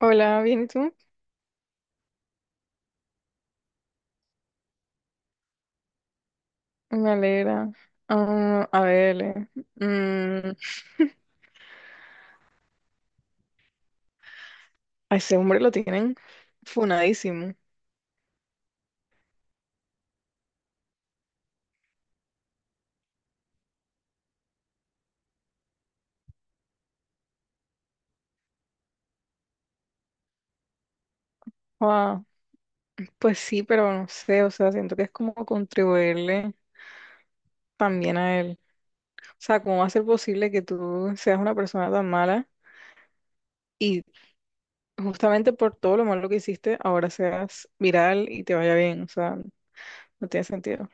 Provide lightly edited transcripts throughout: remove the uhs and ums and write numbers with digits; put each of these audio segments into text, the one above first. Hola, ¿bien y tú? Me alegra. Ah, a ver, mm, a ese hombre lo tienen funadísimo. Guau, pues sí, pero no sé, o sea, siento que es como contribuirle también a él. O sea, ¿cómo va a ser posible que tú seas una persona tan mala y justamente por todo lo malo que hiciste, ahora seas viral y te vaya bien? O sea, no tiene sentido.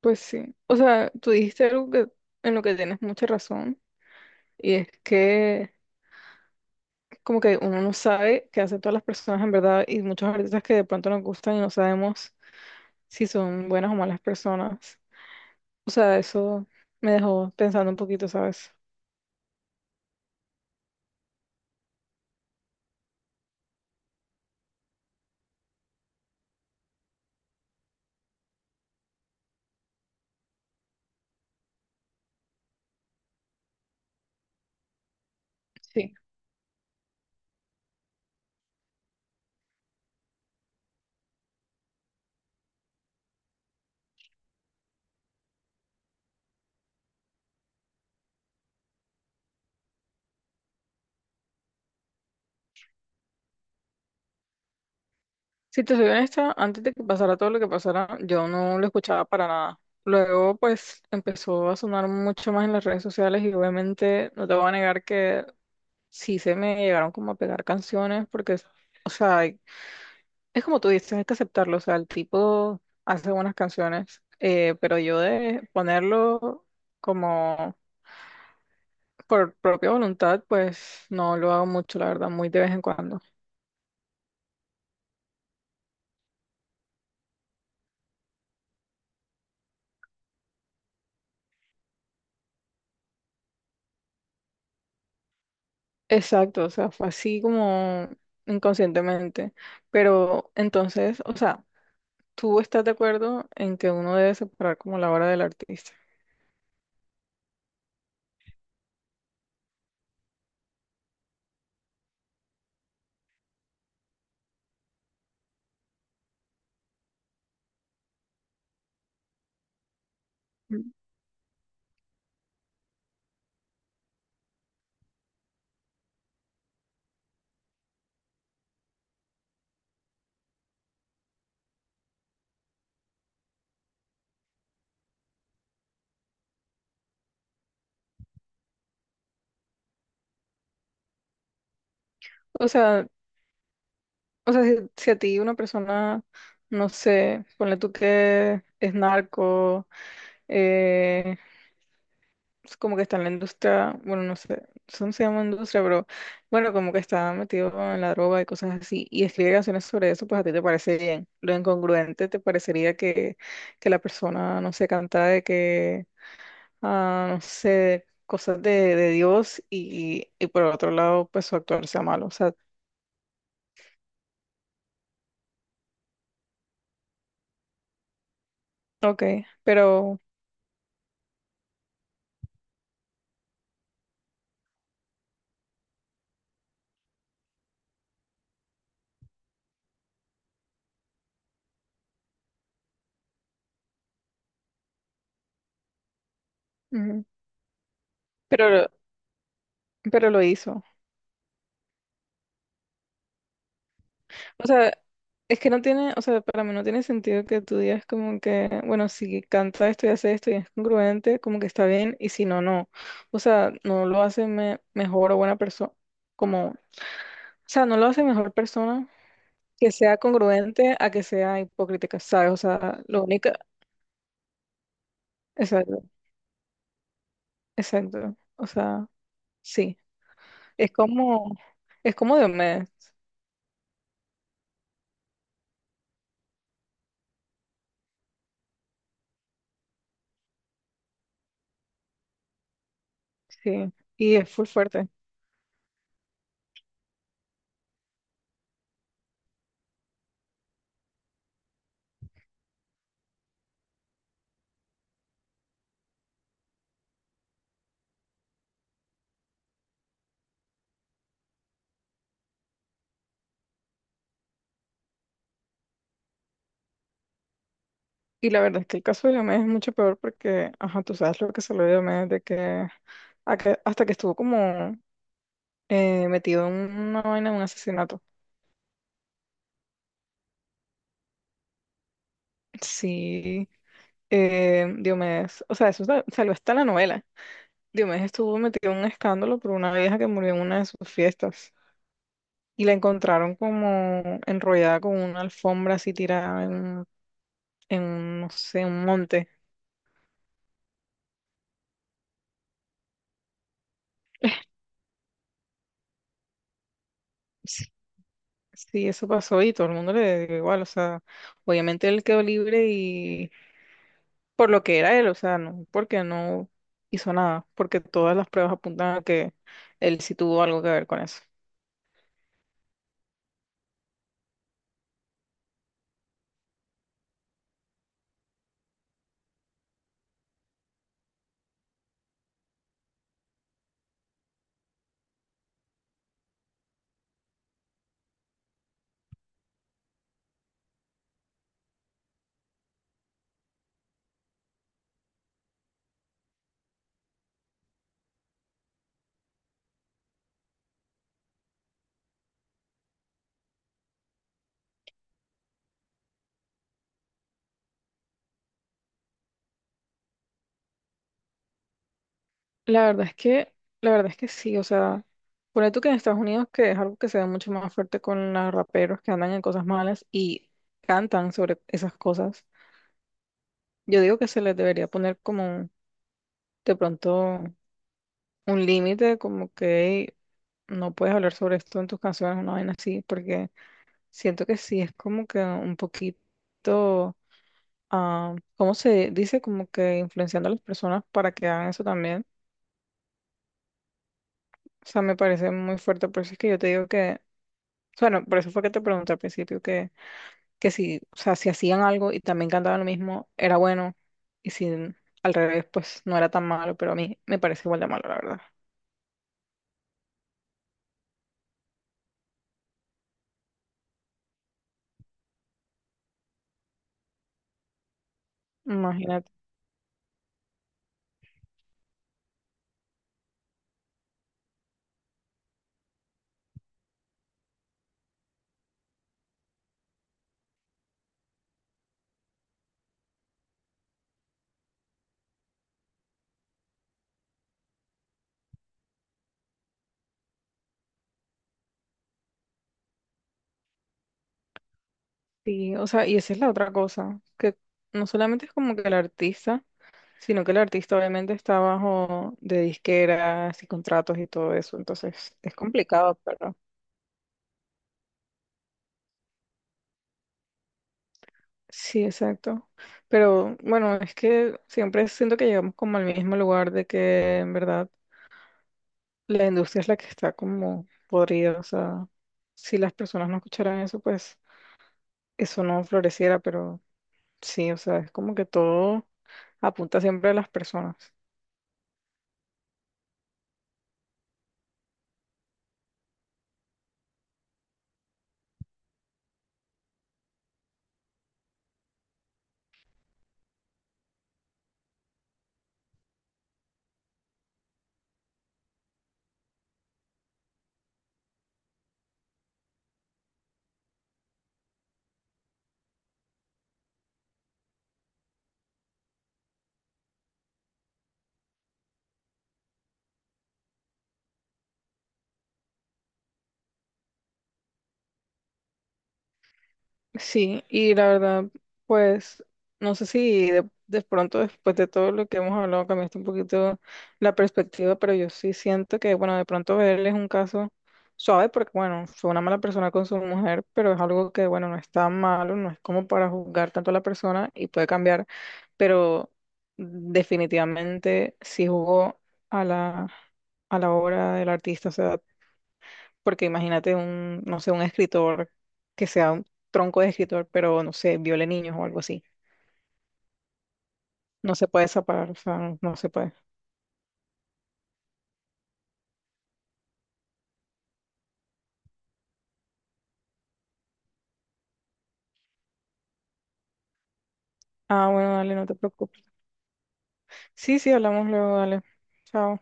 Pues sí. O sea, tú dijiste algo en lo que tienes mucha razón y es que como que uno no sabe qué hacen todas las personas en verdad y muchos artistas que de pronto nos gustan y no sabemos si son buenas o malas personas. O sea, eso me dejó pensando un poquito, ¿sabes? Sí. Si te soy honesta, antes de que pasara todo lo que pasara, yo no lo escuchaba para nada. Luego, pues, empezó a sonar mucho más en las redes sociales y obviamente no te voy a negar que sí se me llegaron como a pegar canciones o sea, es como tú dices, hay que aceptarlo. O sea, el tipo hace buenas canciones, pero yo de ponerlo como por propia voluntad, pues no lo hago mucho, la verdad, muy de vez en cuando. Exacto, o sea, fue así como inconscientemente. Pero entonces, o sea, ¿tú estás de acuerdo en que uno debe separar como la obra del artista? Mm. O sea, si a ti una persona, no sé, ponle tú que es narco, eh, es como que está en la industria, bueno, no sé, eso no se llama industria, pero bueno, como que está metido en la droga y cosas así, y escribe canciones sobre eso, pues a ti te parece bien. Lo incongruente te parecería que la persona, no sé, canta de que, ah, no sé, cosas de Dios y por otro lado, pues su actuar sea malo, o sea, ok, pero, ujú, pero, pero lo hizo. O sea, es que no tiene, o sea, para mí no tiene sentido que tú digas como que, bueno, si canta esto y hace esto y es congruente, como que está bien, y si no, no. O sea, no lo hace me- mejor o buena persona, como, o sea, no lo hace mejor persona que sea congruente a que sea hipócrita, ¿sabes? O sea, lo único, exacto, exacto. O sea, sí. Es como, es como de mes, sí. Y es full fuerte. Y la verdad es que el caso de Diomedes es mucho peor porque, ajá, tú sabes lo que se lo de Diomedes, de hasta que estuvo como metido en una vaina de un asesinato. Sí, Diomedes, o sea, salió hasta en la novela. Diomedes estuvo metido en un escándalo por una vieja que murió en una de sus fiestas y la encontraron como enrollada con una alfombra así tirada en no sé, un monte. Sí, sí, eso pasó y todo el mundo le dio igual, o sea, obviamente él quedó libre y por lo que era él, o sea, no, porque no hizo nada, porque todas las pruebas apuntan a que él sí tuvo algo que ver con eso. La verdad es que, la verdad es que sí, o sea, por tú que en Estados Unidos, que es algo que se ve mucho más fuerte con los raperos que andan en cosas malas y cantan sobre esas cosas, yo digo que se les debería poner como de pronto un límite, como que "Ey, no puedes hablar sobre esto en tus canciones", una vaina así, porque siento que sí es como que un poquito ah, ¿cómo se dice? Como que influenciando a las personas para que hagan eso también. O sea, me parece muy fuerte, por eso es que yo te digo bueno, por eso fue que te pregunté al principio que si, o sea, si hacían algo y también cantaban lo mismo, era bueno, y si al revés, pues no era tan malo, pero a mí me parece igual de malo, la verdad. Imagínate. Sí, o sea, y esa es la otra cosa, que no solamente es como que el artista, sino que el artista obviamente está bajo de disqueras y contratos y todo eso, entonces es complicado, pero Sí, exacto. Pero bueno, es que siempre siento que llegamos como al mismo lugar de que en verdad la industria es la que está como podrida. O sea, si las personas no escucharan eso, pues eso no floreciera. Pero sí, o sea, es como que todo apunta siempre a las personas. Sí, y la verdad, pues no sé si de pronto después de todo lo que hemos hablado cambiaste un poquito la perspectiva, pero yo sí siento que, bueno, de pronto verle es un caso suave porque, bueno, fue una mala persona con su mujer, pero es algo que, bueno, no está malo, no es como para juzgar tanto a la persona y puede cambiar, pero definitivamente sí jugó a a la obra del artista, o sea, porque imagínate un, no sé, un escritor que sea un tronco de escritor, pero no sé, viole niños o algo así. No se puede separar, o sea, no se puede. Ah, bueno, dale, no te preocupes. Sí, sí, hablamos luego, dale. Chao.